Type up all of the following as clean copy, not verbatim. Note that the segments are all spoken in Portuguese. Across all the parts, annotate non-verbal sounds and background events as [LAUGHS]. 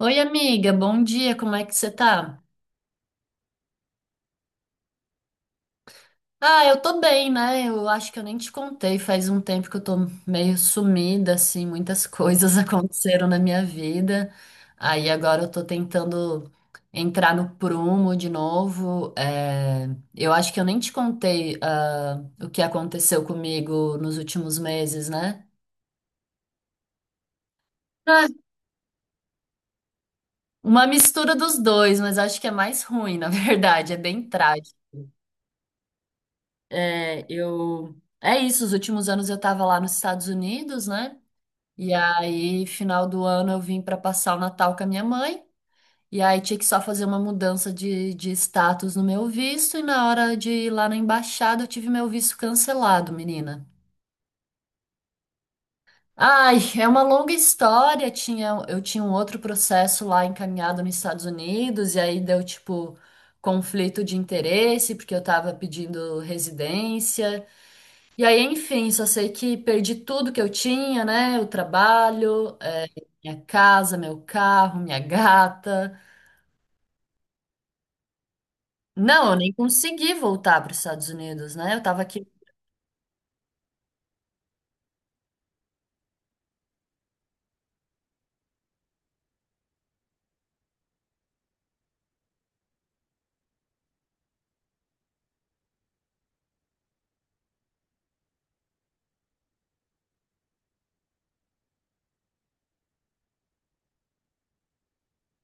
Oi, amiga, bom dia, como é que você tá? Ah, eu tô bem, né? Eu acho que eu nem te contei, faz um tempo que eu tô meio sumida, assim, muitas coisas [LAUGHS] aconteceram na minha vida. Aí agora eu tô tentando entrar no prumo de novo. Eu acho que eu nem te contei, ah, o que aconteceu comigo nos últimos meses, né? Ah, uma mistura dos dois, mas acho que é mais ruim, [LAUGHS] na verdade, é bem trágico. É, eu. É isso, os últimos anos eu estava lá nos Estados Unidos, né? E aí, final do ano, eu vim para passar o Natal com a minha mãe. E aí, tinha que só fazer uma mudança de status no meu visto. E na hora de ir lá na embaixada, eu tive meu visto cancelado, menina. Ai, é uma longa história. Tinha, eu tinha um outro processo lá encaminhado nos Estados Unidos. E aí, deu tipo conflito de interesse, porque eu estava pedindo residência. E aí, enfim, só sei que perdi tudo que eu tinha, né? O trabalho, minha casa, meu carro, minha gata. Não, eu nem consegui voltar para os Estados Unidos, né? Eu tava aqui.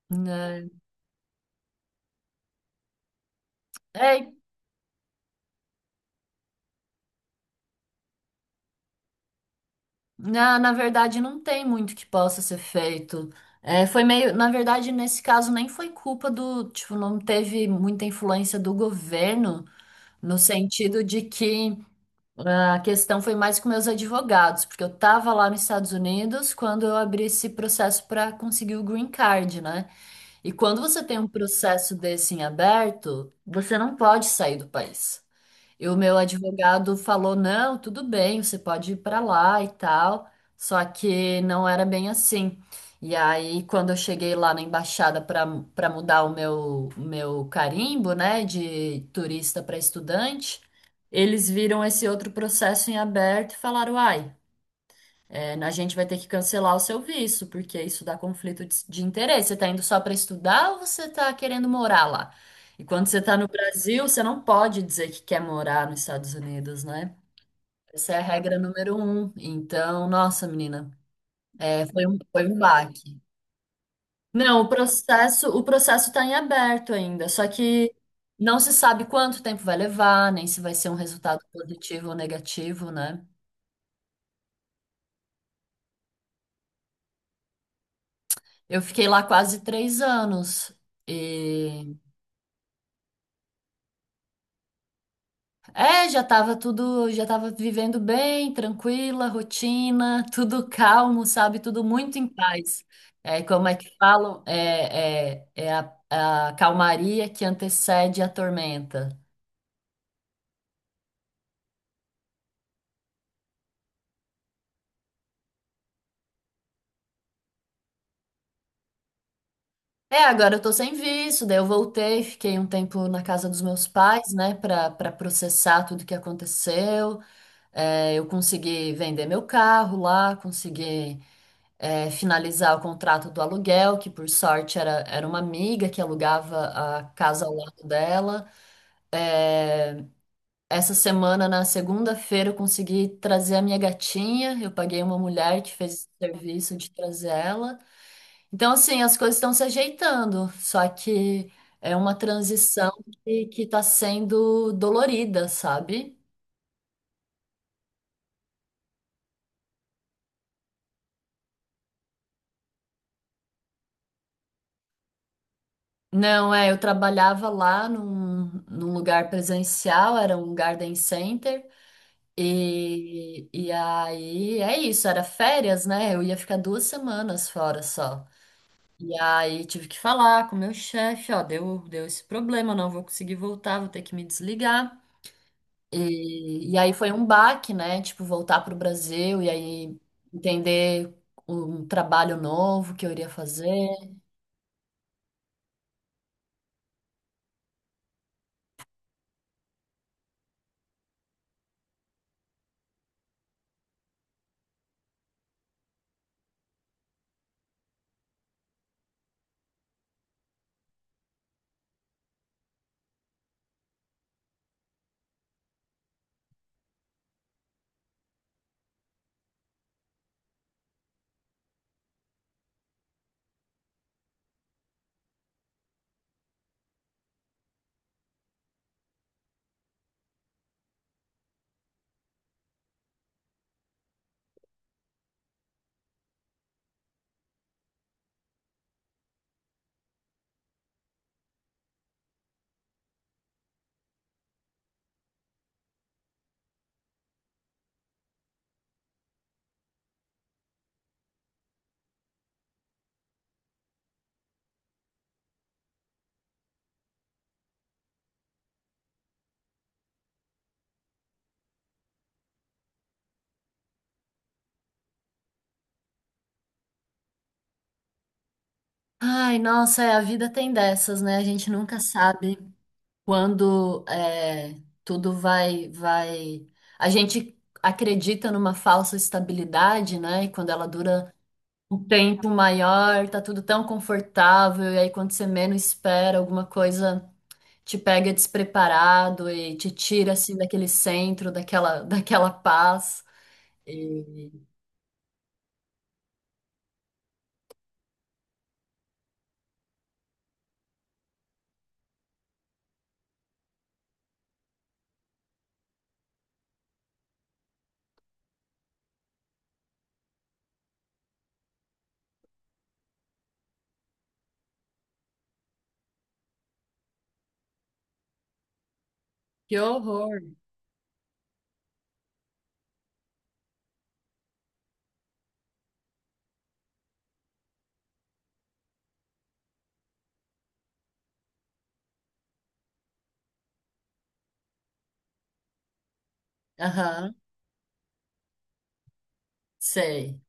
Né? É, na verdade, não tem muito que possa ser feito. É, foi meio. Na verdade, nesse caso, nem foi culpa do. Tipo, não teve muita influência do governo, no sentido de que. A questão foi mais com meus advogados, porque eu estava lá nos Estados Unidos quando eu abri esse processo para conseguir o green card, né? E quando você tem um processo desse em aberto, você não pode sair do país. E o meu advogado falou: não, tudo bem, você pode ir para lá e tal. Só que não era bem assim. E aí, quando eu cheguei lá na embaixada para mudar o meu carimbo, né, de turista para estudante, eles viram esse outro processo em aberto e falaram: ai. É, a gente vai ter que cancelar o seu visto, porque isso dá conflito de interesse. Você está indo só para estudar ou você está querendo morar lá? E quando você está no Brasil, você não pode dizer que quer morar nos Estados Unidos, né? Essa é a regra número um. Então, nossa, menina, foi um baque. Não, o processo está em aberto ainda, só que não se sabe quanto tempo vai levar, nem se vai ser um resultado positivo ou negativo, né? Eu fiquei lá quase 3 anos. É, já tava vivendo bem, tranquila, rotina, tudo calmo, sabe? Tudo muito em paz. É, como é que falam? É a calmaria que antecede a tormenta. É, agora eu tô sem visto, daí eu voltei, fiquei um tempo na casa dos meus pais, né, pra, pra processar tudo que aconteceu. É, eu consegui vender meu carro lá, consegui. Finalizar o contrato do aluguel, que por sorte era uma amiga que alugava a casa ao lado dela. É, essa semana, na segunda-feira, eu consegui trazer a minha gatinha. Eu paguei uma mulher que fez esse serviço de trazer ela. Então, assim, as coisas estão se ajeitando, só que é uma transição que está sendo dolorida, sabe? Não, eu trabalhava lá num lugar presencial, era um garden center. E aí, é isso, era férias, né? Eu ia ficar 2 semanas fora só. E aí tive que falar com o meu chefe, ó, deu esse problema, não vou conseguir voltar, vou ter que me desligar. E aí foi um baque, né? Tipo, voltar pro Brasil e aí entender um trabalho novo que eu iria fazer. Ai, nossa, a vida tem dessas, né? A gente nunca sabe quando é, tudo vai, vai. A gente acredita numa falsa estabilidade, né? E quando ela dura um tempo maior, tá tudo tão confortável, e aí quando você menos espera, alguma coisa te pega despreparado e te tira assim daquele centro, daquela, [LAUGHS] daquela paz. Que horror! Aham, sei.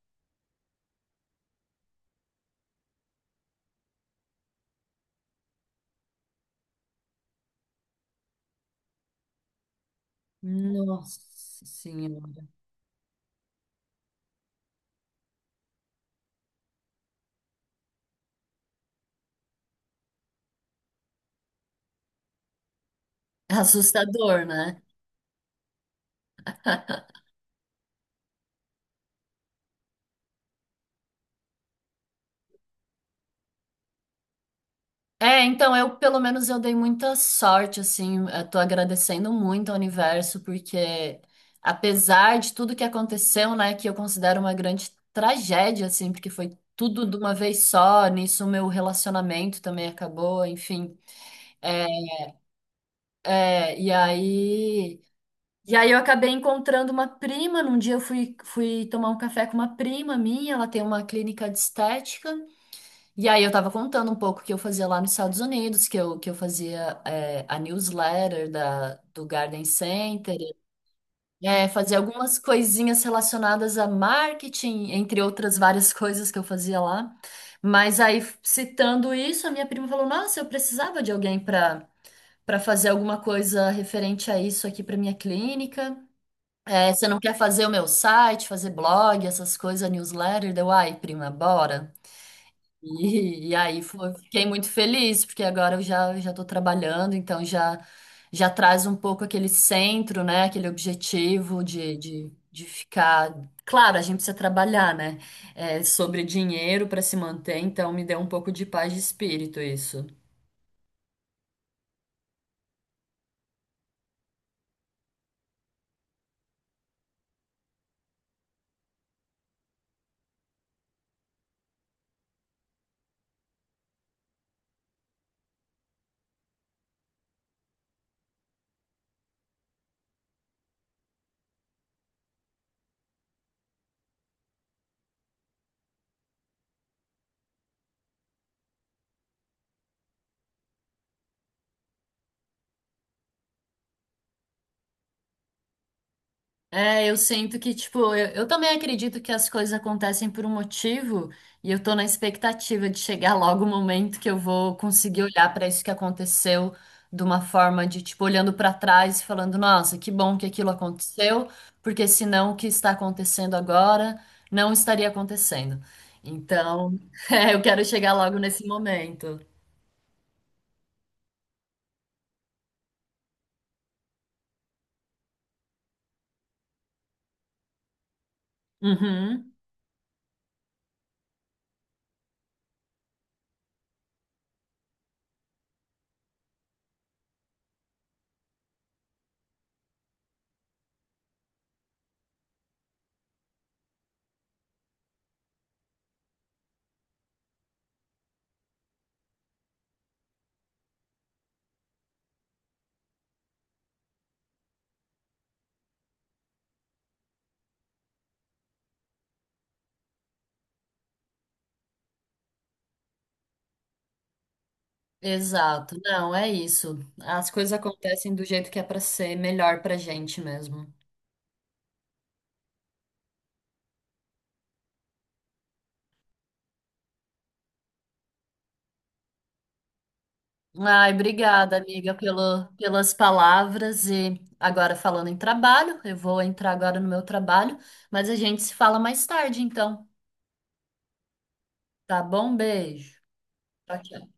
Nossa Senhora. É assustador, né? É, então eu, pelo menos, eu dei muita sorte, assim, eu tô agradecendo muito ao universo, porque apesar de tudo que aconteceu, né, que eu considero uma grande tragédia, assim, porque foi tudo de uma vez só, nisso o meu relacionamento também acabou, enfim. É, é, e aí, e aí eu acabei encontrando uma prima, num dia eu fui tomar um café com uma prima minha, ela tem uma clínica de estética, e aí eu tava contando um pouco o que eu fazia lá nos Estados Unidos, que eu fazia a newsletter da, do Garden Center, fazia algumas coisinhas relacionadas a marketing, entre outras várias [LAUGHS] coisas que eu fazia lá. Mas aí, citando isso, a minha prima falou: Nossa, eu precisava de alguém para fazer alguma coisa referente a isso aqui para minha clínica. É, você não quer fazer o meu site, fazer blog, essas coisas, newsletter? Deu, ai, prima, bora. E aí fiquei muito feliz, porque agora eu já já estou trabalhando, então já já traz um pouco aquele centro, né? Aquele objetivo de ficar. Claro, a gente precisa trabalhar, né? Sobre dinheiro para se manter, então me deu um pouco de paz de espírito isso. É, eu sinto que, tipo, eu também acredito que as coisas acontecem por um motivo e eu tô na expectativa de chegar logo o momento que eu vou conseguir olhar pra isso que aconteceu de uma forma de, tipo, olhando pra trás e falando, nossa, que bom que aquilo aconteceu, porque senão o que está acontecendo agora não estaria acontecendo. Então, [LAUGHS] eu quero chegar logo nesse momento. Uhum. Exato. Não, é isso. As coisas acontecem do jeito que é pra ser melhor pra gente mesmo. Ai, obrigada, amiga, pelas palavras. E agora falando em trabalho, eu vou entrar agora no meu trabalho, mas a gente se fala mais tarde, então. Tá bom? Beijo. Tchau, tchau.